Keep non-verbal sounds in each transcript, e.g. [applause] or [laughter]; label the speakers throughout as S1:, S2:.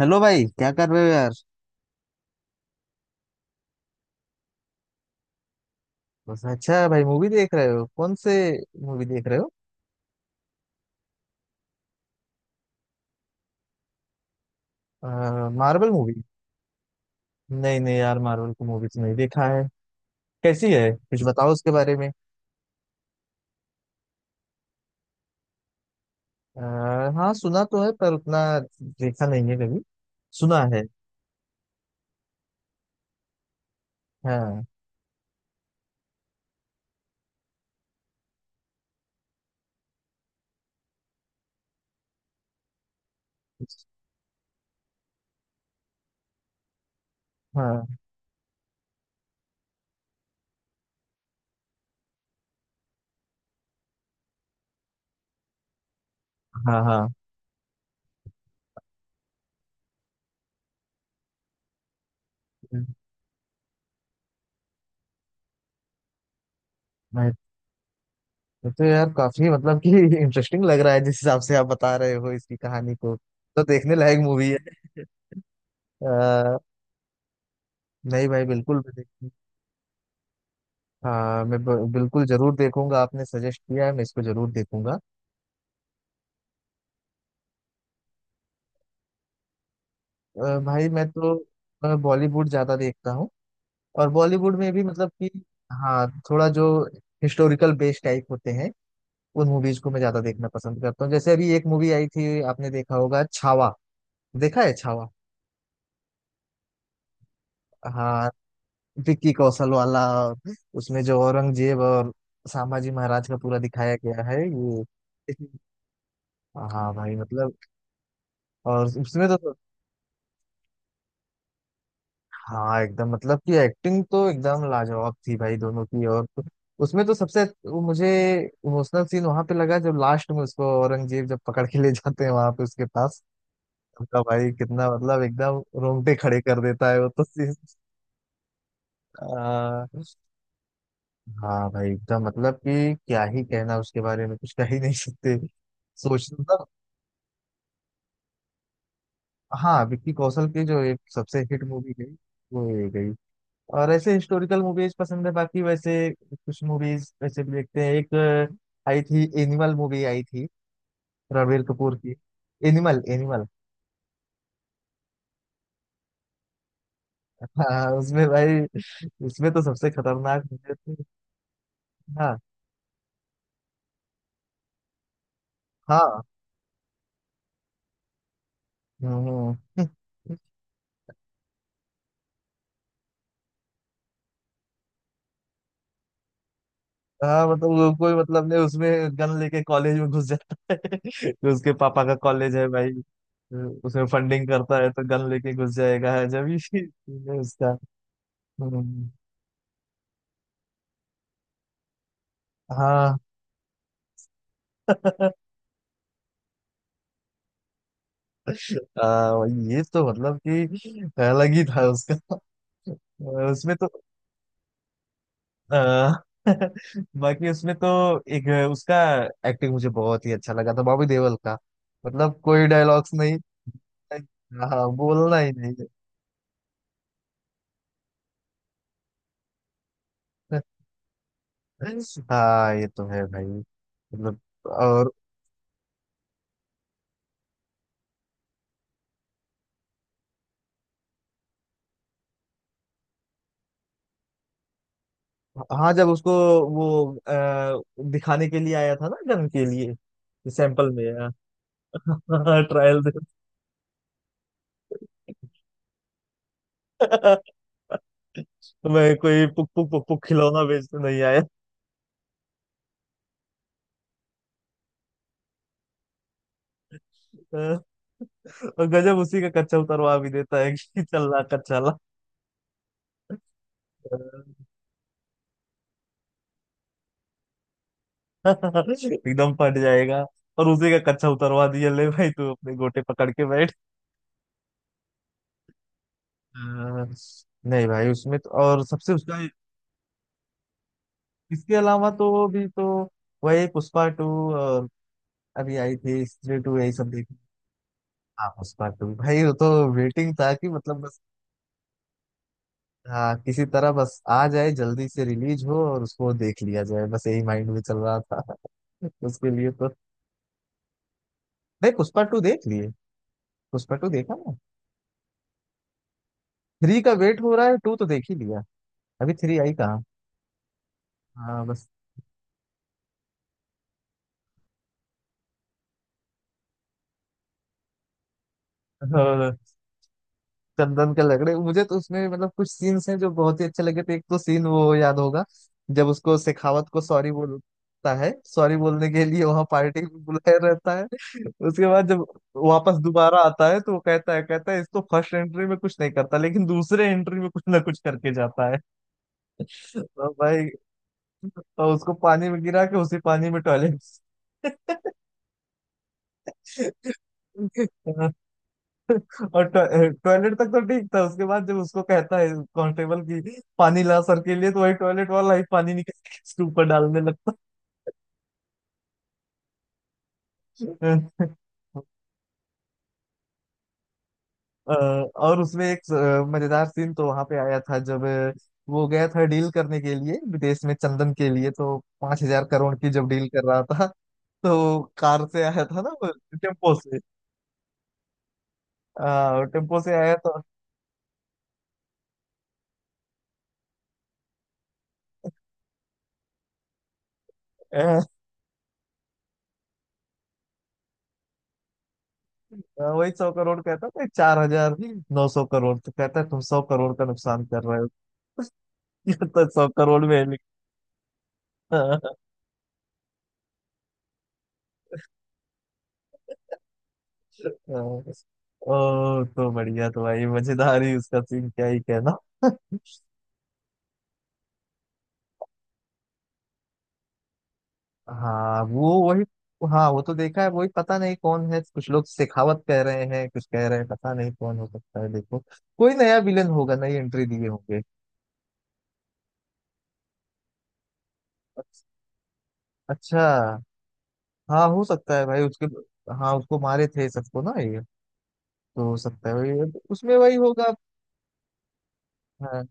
S1: Hello भाई, क्या कर रहे हो, यार। बस अच्छा, भाई, मूवी देख रहे हो? कौन से मूवी देख रहे हो? Marvel movie? नहीं नहीं, यार, मार्वल की मूवी तो नहीं देखा है। कैसी है, कुछ बताओ उसके बारे में। आ, हाँ, सुना तो है, पर उतना देखा नहीं है कभी। सुना है। हाँ हाँ। हाँ हाँ। मैं मैं तो यार, काफी मतलब कि [laughs] इंटरेस्टिंग लग रहा है जिस हिसाब से आप बता रहे हो इसकी कहानी को। तो देखने लायक मूवी है? आ, नहीं भाई, बिल्कुल भी नहीं। हाँ, मैं बिल्कुल जरूर देखूंगा। आपने सजेस्ट किया है, मैं इसको जरूर देखूंगा। भाई, मैं तो बॉलीवुड ज्यादा देखता हूँ। और बॉलीवुड में भी, मतलब कि हाँ, थोड़ा जो हिस्टोरिकल बेस्ड टाइप होते हैं उन मूवीज को मैं ज्यादा देखना पसंद करता हूँ। जैसे अभी एक मूवी आई थी, आपने देखा होगा, छावा। देखा है छावा? हाँ, विक्की कौशल वाला। उसमें जो औरंगजेब और सांभाजी महाराज का पूरा दिखाया गया है ये। हाँ भाई, मतलब। और उसमें तो। हाँ एकदम, मतलब कि एक्टिंग तो एकदम लाजवाब थी, भाई, दोनों की। और तो- उसमें तो सबसे वो मुझे इमोशनल सीन वहां पे लगा, जब लास्ट में उसको औरंगजेब जब पकड़ के ले जाते हैं, वहां पे उसके पास उनका भाई, कितना मतलब एकदम रोंगटे खड़े कर देता है वो तो सीन। आ, हाँ भाई, एकदम मतलब कि क्या ही कहना, उसके बारे में कुछ कह ही नहीं सकते। सोच मतलब। हाँ, विक्की कौशल की जो एक सबसे हिट मूवी गई वो ये गई। और ऐसे हिस्टोरिकल मूवीज पसंद है। बाकी वैसे कुछ मूवीज वैसे भी देखते हैं। एक आई थी, एनिमल मूवी आई थी, रणबीर कपूर की। Animal, animal. [laughs] हाँ, उसमें भाई, उसमें तो सबसे खतरनाक मुझे तो- हाँ। हाँ। हम्म। हम्म। [laughs] हाँ, मतलब वो कोई मतलब नहीं, उसमें गन लेके कॉलेज में घुस जाता है [laughs] तो उसके पापा का कॉलेज है भाई। उसमें फंडिंग करता है तो गन लेके घुस जाएगा जब ही [laughs] उसका। हम्म। हाँ। [laughs] आ, ये तो मतलब कि अलग ही था उसका। उसमें तो। आ, [laughs] बाकी उसमें तो एक उसका एक्टिंग मुझे बहुत ही अच्छा लगा था बॉबी देओल का। मतलब कोई डायलॉग्स नहीं। हाँ, बोलना ही नहीं। [laughs] हाँ, ये तो है भाई, मतलब। और हाँ, जब उसको वो दिखाने के लिए आया था ना गन के लिए। सैंपल में। [laughs] ट्रायल में। [laughs] मैं कोई पुक पुक पुक पुक खिलौना बेचने नहीं आया। और गजब, उसी का कच्चा उतरवा भी देता है कि चल रहा कच्चा ला। [laughs] एकदम फट जाएगा। और उसी का कच्चा उतरवा दिया, ले भाई तू अपने गोटे पकड़ के बैठ। हाँ। नहीं भाई, उसमें तो और सबसे उसका। इसके अलावा तो भी तो वही पुष्पा टू। और अभी आई थी स्त्री टू, यही सब देखी। हाँ, पुष्पा टू भाई वो तो वेटिंग था कि मतलब बस। हाँ, किसी तरह बस आ जाए, जल्दी से रिलीज हो और उसको देख लिया जाए, बस यही माइंड में चल रहा था। [laughs] उसके लिए तो। नहीं, पुष्पा टू देख लिए। पुष्पा टू देखा ना। थ्री का वेट हो रहा है, टू तो देख ही लिया। अभी थ्री आई कहाँ। हाँ बस। और चंदन के लग रहे मुझे तो, उसमें मतलब कुछ सीन्स हैं जो बहुत ही अच्छे लगे थे। एक तो सीन वो याद होगा जब उसको, शेखावत को सॉरी बोलता है। सॉरी बोलने के लिए वहां पार्टी में बुलाया रहता है, उसके बाद जब वापस दोबारा आता है तो वो कहता है इसको, फर्स्ट एंट्री में कुछ नहीं करता लेकिन दूसरे एंट्री में कुछ ना कुछ करके जाता है। [laughs] और भाई, और उसको पानी में गिरा के उसी पानी में टॉयलेट। [laughs] और टॉयलेट तक तो ठीक था, उसके बाद जब उसको कहता है कांस्टेबल की, पानी ला सर के लिए, तो वही टॉयलेट वाला ही पानी निकाल के उसके ऊपर डालने लगता। अ, और उसमें एक मजेदार सीन तो वहां पे आया था, जब वो गया था डील करने के लिए विदेश में चंदन के लिए, तो 5000 करोड़ की जब डील कर रहा था, तो कार से आया था ना वो, टेम्पो से। टेम्पो से आया था। हाँ, वही 100 करोड़ कहता था, 4900 करोड़, तो कहता है तुम 100 करोड़ का नुकसान कर रहे हो। [laughs] ये तो 100 करोड़ में है लिखा। हाँ। ओ। [laughs] तो बढ़िया, तो भाई मजेदार ही उसका सीन, क्या ही कहना। [laughs] हाँ वो वही। हाँ वो तो देखा है वही, पता नहीं कौन है, कुछ लोग शेखावत कह रहे हैं, कुछ कह रहे हैं, पता नहीं कौन हो सकता है, देखो कोई नया विलन होगा, नई एंट्री दिए होंगे। अच्छा। हाँ, हो सकता है भाई उसके। हाँ, उसको मारे थे सबको ना ये, तो हो सकता है वही अब उसमें वही होगा। हाँ।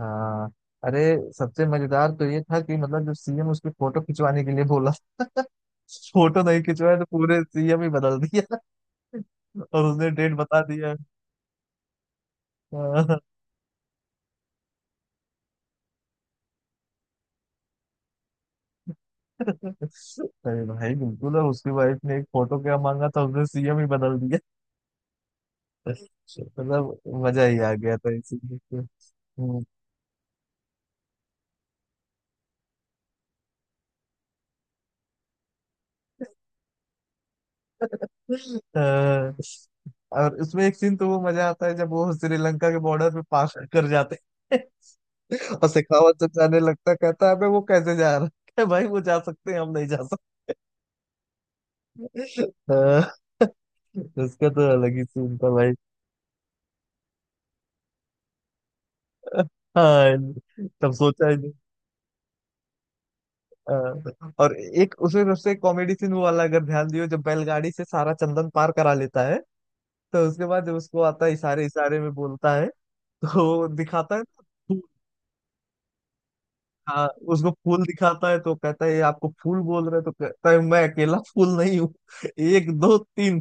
S1: हाँ। अरे, सबसे मजेदार तो ये था कि मतलब जब सीएम उसकी फोटो खिंचवाने के लिए बोला [laughs] फोटो नहीं खिंचवाया तो पूरे सीएम ही बदल दिया। [laughs] और उसने डेट बता दिया। हाँ। [laughs] अरे भाई बिल्कुल, और उसकी वाइफ ने एक फोटो क्या मांगा था, उसने सीएम ही बदल दिया। [laughs] मतलब मजा ही आ गया था इसी में। अ, और उसमें एक सीन तो वो मजा आता है जब वो श्रीलंका के बॉर्डर पे पास कर जाते हैं। [laughs] और शेखावत जब जाने लगता है, कहता है अबे वो कैसे जा रहा है। [laughs] कहता है, भाई वो जा सकते हैं, हम नहीं जा सकते। [laughs] अ, उसका तो अलग ही सीन था, भाई। [laughs] हाँ, तब सोचा ही नहीं। और एक उसमें सबसे कॉमेडी सीन वो वाला, अगर ध्यान दियो, जब बैलगाड़ी से सारा चंदन पार करा लेता है, तो उसके बाद जब उसको आता है इशारे इशारे में बोलता है तो वो दिखाता है। हाँ, उसको फूल दिखाता है तो कहता है "ये आपको फूल बोल रहे हैं", तो कहता है मैं अकेला फूल नहीं हूँ। एक दो तीन।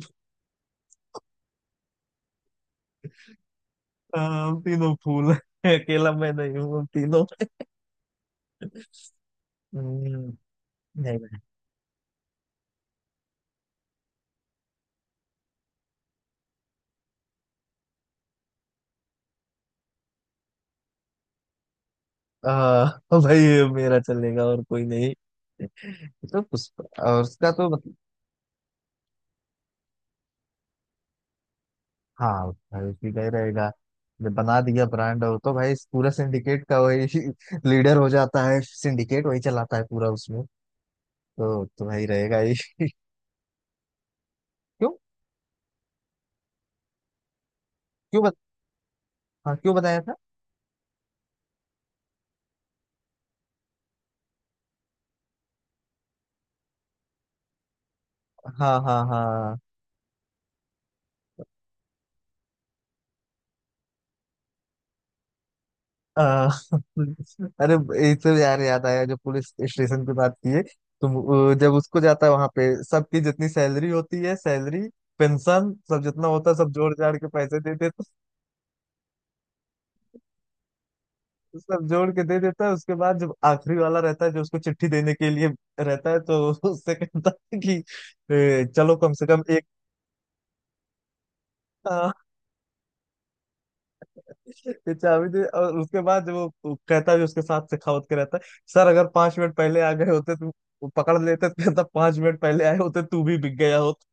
S1: हम तीनों फूल हैं, अकेला मैं नहीं हूँ, हम तीनों। हम्म। नहीं भाई। आ, भाई ये मेरा चलेगा और कोई नहीं। तो उस, और उसका तो मतलब। हाँ भाई, उसी का ही रहेगा, जब बना दिया ब्रांड, और तो भाई इस पूरा सिंडिकेट का वही [laughs] लीडर हो जाता है, सिंडिकेट वही चलाता है पूरा उसमें। तो भाई रहेगा ही। क्यों? क्यों बत, हाँ, क्यों बताया था। हाँ हाँ हाँ। अ, [laughs] अरे, एक तो यार याद आया, जो पुलिस स्टेशन की बात की है। तुम जब उसको जाता है वहां पे, सबकी जितनी सैलरी होती है, सैलरी पेंशन सब जितना होता है सब जोड़ जाड़ के पैसे दे देता है। सब जोड़ के दे देता है, उसके बाद जब आखिरी वाला रहता है जो उसको चिट्ठी देने के लिए रहता है तो [laughs] उससे कहता है कि, "ए, चलो कम से कम एक हाँ।" ये चाबी दे, और उसके बाद वो कहता भी उसके साथ, सखावत के रहता है, सर अगर 5 मिनट पहले आ गए होते तो वो पकड़ लेते, तो कहता 5 मिनट पहले आए होते तू भी बिक गया होता।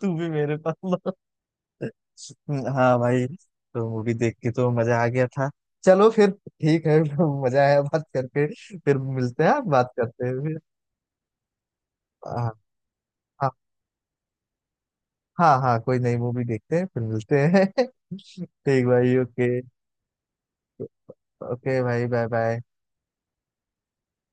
S1: तू भी मेरे पास। [laughs] ना। हाँ भाई, तो मूवी देख के तो मजा आ गया था। चलो फिर ठीक है। [laughs] मजा आया बात करके, फिर मिलते हैं, बात करते हैं फिर। हाँ। हाँ। हाँ हाँ, कोई नई मूवी देखते हैं फिर मिलते हैं। [laughs] ठीक भाई, ओके। ओके भाई, बाय बाय।